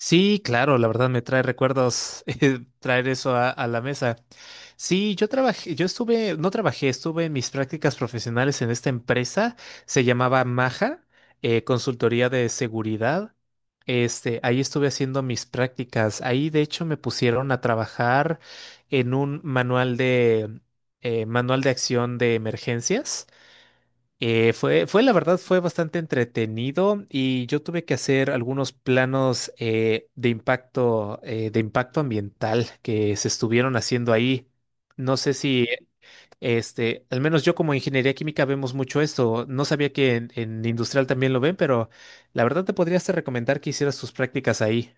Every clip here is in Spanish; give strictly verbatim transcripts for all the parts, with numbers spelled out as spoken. Sí, claro, la verdad me trae recuerdos eh, traer eso a, a la mesa. Sí, yo trabajé, yo estuve, no trabajé, estuve en mis prácticas profesionales en esta empresa, se llamaba Maja, eh, consultoría de seguridad. Este, ahí estuve haciendo mis prácticas. Ahí, de hecho, me pusieron a trabajar en un manual de eh, manual de acción de emergencias. Eh, fue, fue, la verdad, fue bastante entretenido y yo tuve que hacer algunos planos eh, de impacto, eh, de impacto ambiental que se estuvieron haciendo ahí. No sé si, este, al menos yo como ingeniería química vemos mucho esto. No sabía que en, en industrial también lo ven, pero la verdad te podrías recomendar que hicieras tus prácticas ahí.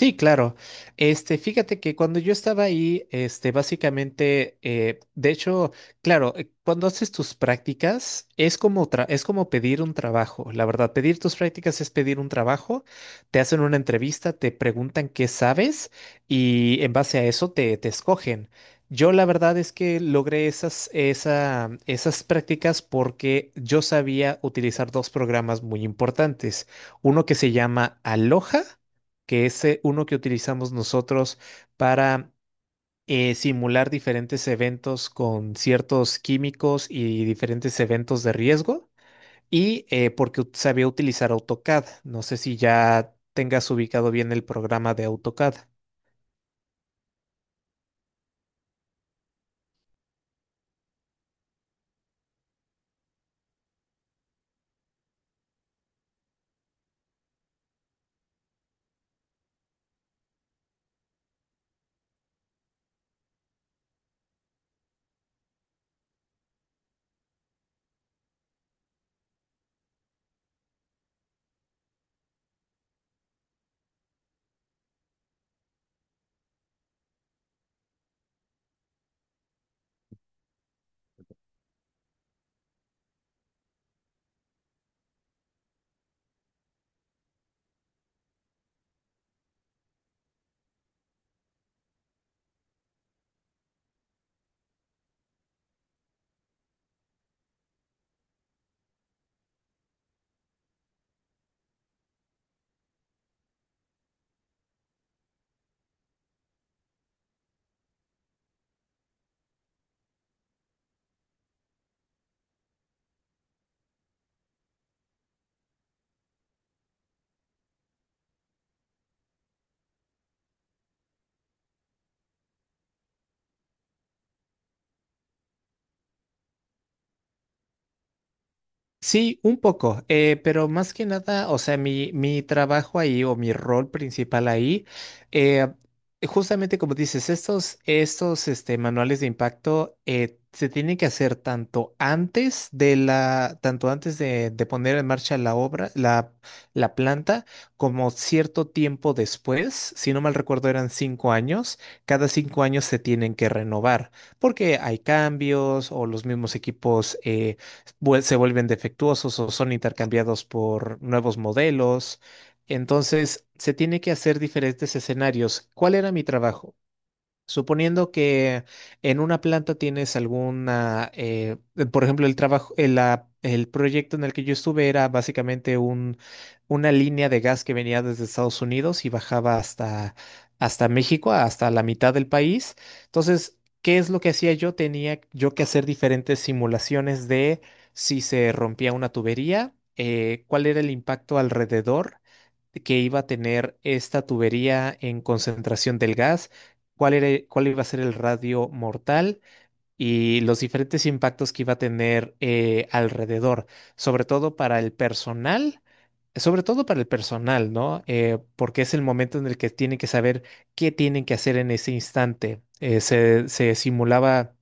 Sí, claro. Este, fíjate que cuando yo estaba ahí, este, básicamente, eh, de hecho, claro, eh, cuando haces tus prácticas es como tra- es como pedir un trabajo. La verdad, pedir tus prácticas es pedir un trabajo. Te hacen una entrevista, te preguntan qué sabes y en base a eso te, te escogen. Yo la verdad es que logré esas, esa, esas prácticas porque yo sabía utilizar dos programas muy importantes. Uno que se llama Aloha que es eh, uno que utilizamos nosotros para eh, simular diferentes eventos con ciertos químicos y diferentes eventos de riesgo, y eh, porque ut- sabía utilizar AutoCAD. No sé si ya tengas ubicado bien el programa de AutoCAD. Sí, un poco, eh, pero más que nada, o sea, mi, mi trabajo ahí o mi rol principal ahí, eh, justamente como dices, estos, estos este, manuales de impacto eh, se tienen que hacer tanto antes de la, tanto antes de, de poner en marcha la obra, la, la planta, como cierto tiempo después, si no mal recuerdo eran cinco años, cada cinco años se tienen que renovar, porque hay cambios o los mismos equipos. eh, vuel- se vuelven defectuosos o son intercambiados por nuevos modelos. Entonces, se tiene que hacer diferentes escenarios. ¿Cuál era mi trabajo? Suponiendo que en una planta tienes alguna, eh, por ejemplo, el trabajo, el, la- el proyecto en el que yo estuve era básicamente un, una línea de gas que venía desde Estados Unidos y bajaba hasta, hasta México, hasta la mitad del país. Entonces, ¿qué es lo que hacía yo? Tenía yo que hacer diferentes simulaciones de si se rompía una tubería, eh, cuál era el impacto alrededor que iba a tener esta tubería en concentración del gas, cuál era, cuál iba a ser el radio mortal y los diferentes impactos que iba a tener eh, alrededor, sobre todo para el personal, sobre todo para el personal, ¿no? Eh, porque es el momento en el que tienen que saber qué tienen que hacer en ese instante. Eh, se, se simulaba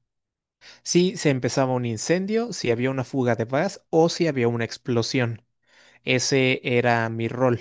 si se empezaba un incendio, si había una fuga de gas o si había una explosión. Ese era mi rol.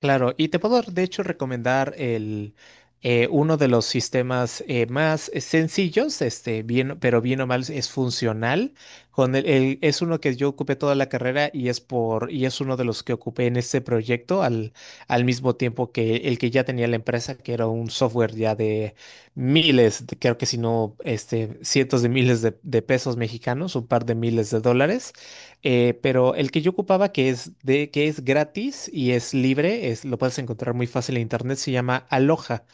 Claro, y te puedo de hecho recomendar el, eh, uno de los sistemas eh, más eh, sencillos, este, bien, pero bien o mal es funcional. Con el, el- es uno que yo ocupé toda la carrera y es por, y es uno de los que ocupé en este proyecto al, al mismo tiempo que el que ya tenía la empresa, que era un software ya de miles, de- creo que si no, este, cientos de miles de, de pesos mexicanos, un par de miles de dólares, eh, pero el que yo ocupaba, que es de, que es gratis y es libre, es, lo puedes encontrar muy fácil en internet, se llama Aloha.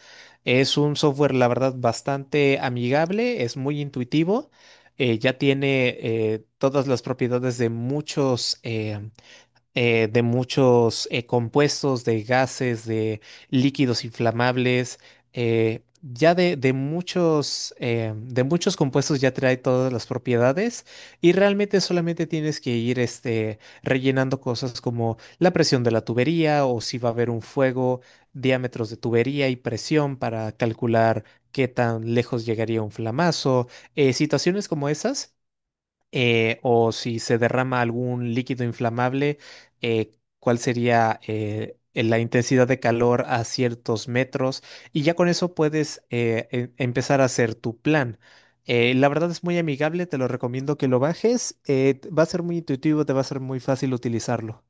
Es un software, la verdad, bastante amigable, es muy intuitivo, eh, ya tiene eh, todas las propiedades de muchos eh, eh, de muchos eh, compuestos, de gases, de líquidos inflamables, eh, ya de, de muchos, eh, de muchos compuestos ya trae todas las propiedades y realmente solamente tienes que ir este, rellenando cosas como la presión de la tubería o si va a haber un fuego, diámetros de tubería y presión para calcular qué tan lejos llegaría un flamazo, eh, situaciones como esas, eh, o si se derrama algún líquido inflamable, eh, cuál sería eh, la intensidad de calor a ciertos metros, y ya con eso puedes eh, em- empezar a hacer tu plan. Eh, la verdad es muy amigable, te lo recomiendo que lo bajes, eh, t- va a ser muy intuitivo, te va a ser muy fácil utilizarlo.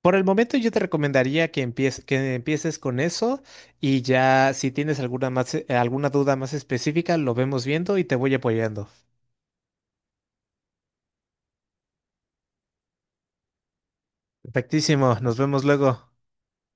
Por el momento yo te recomendaría que empieces, que empieces con eso y ya si tienes alguna más, eh, alguna duda más específica, lo vemos viendo y te voy apoyando. Perfectísimo, nos vemos luego.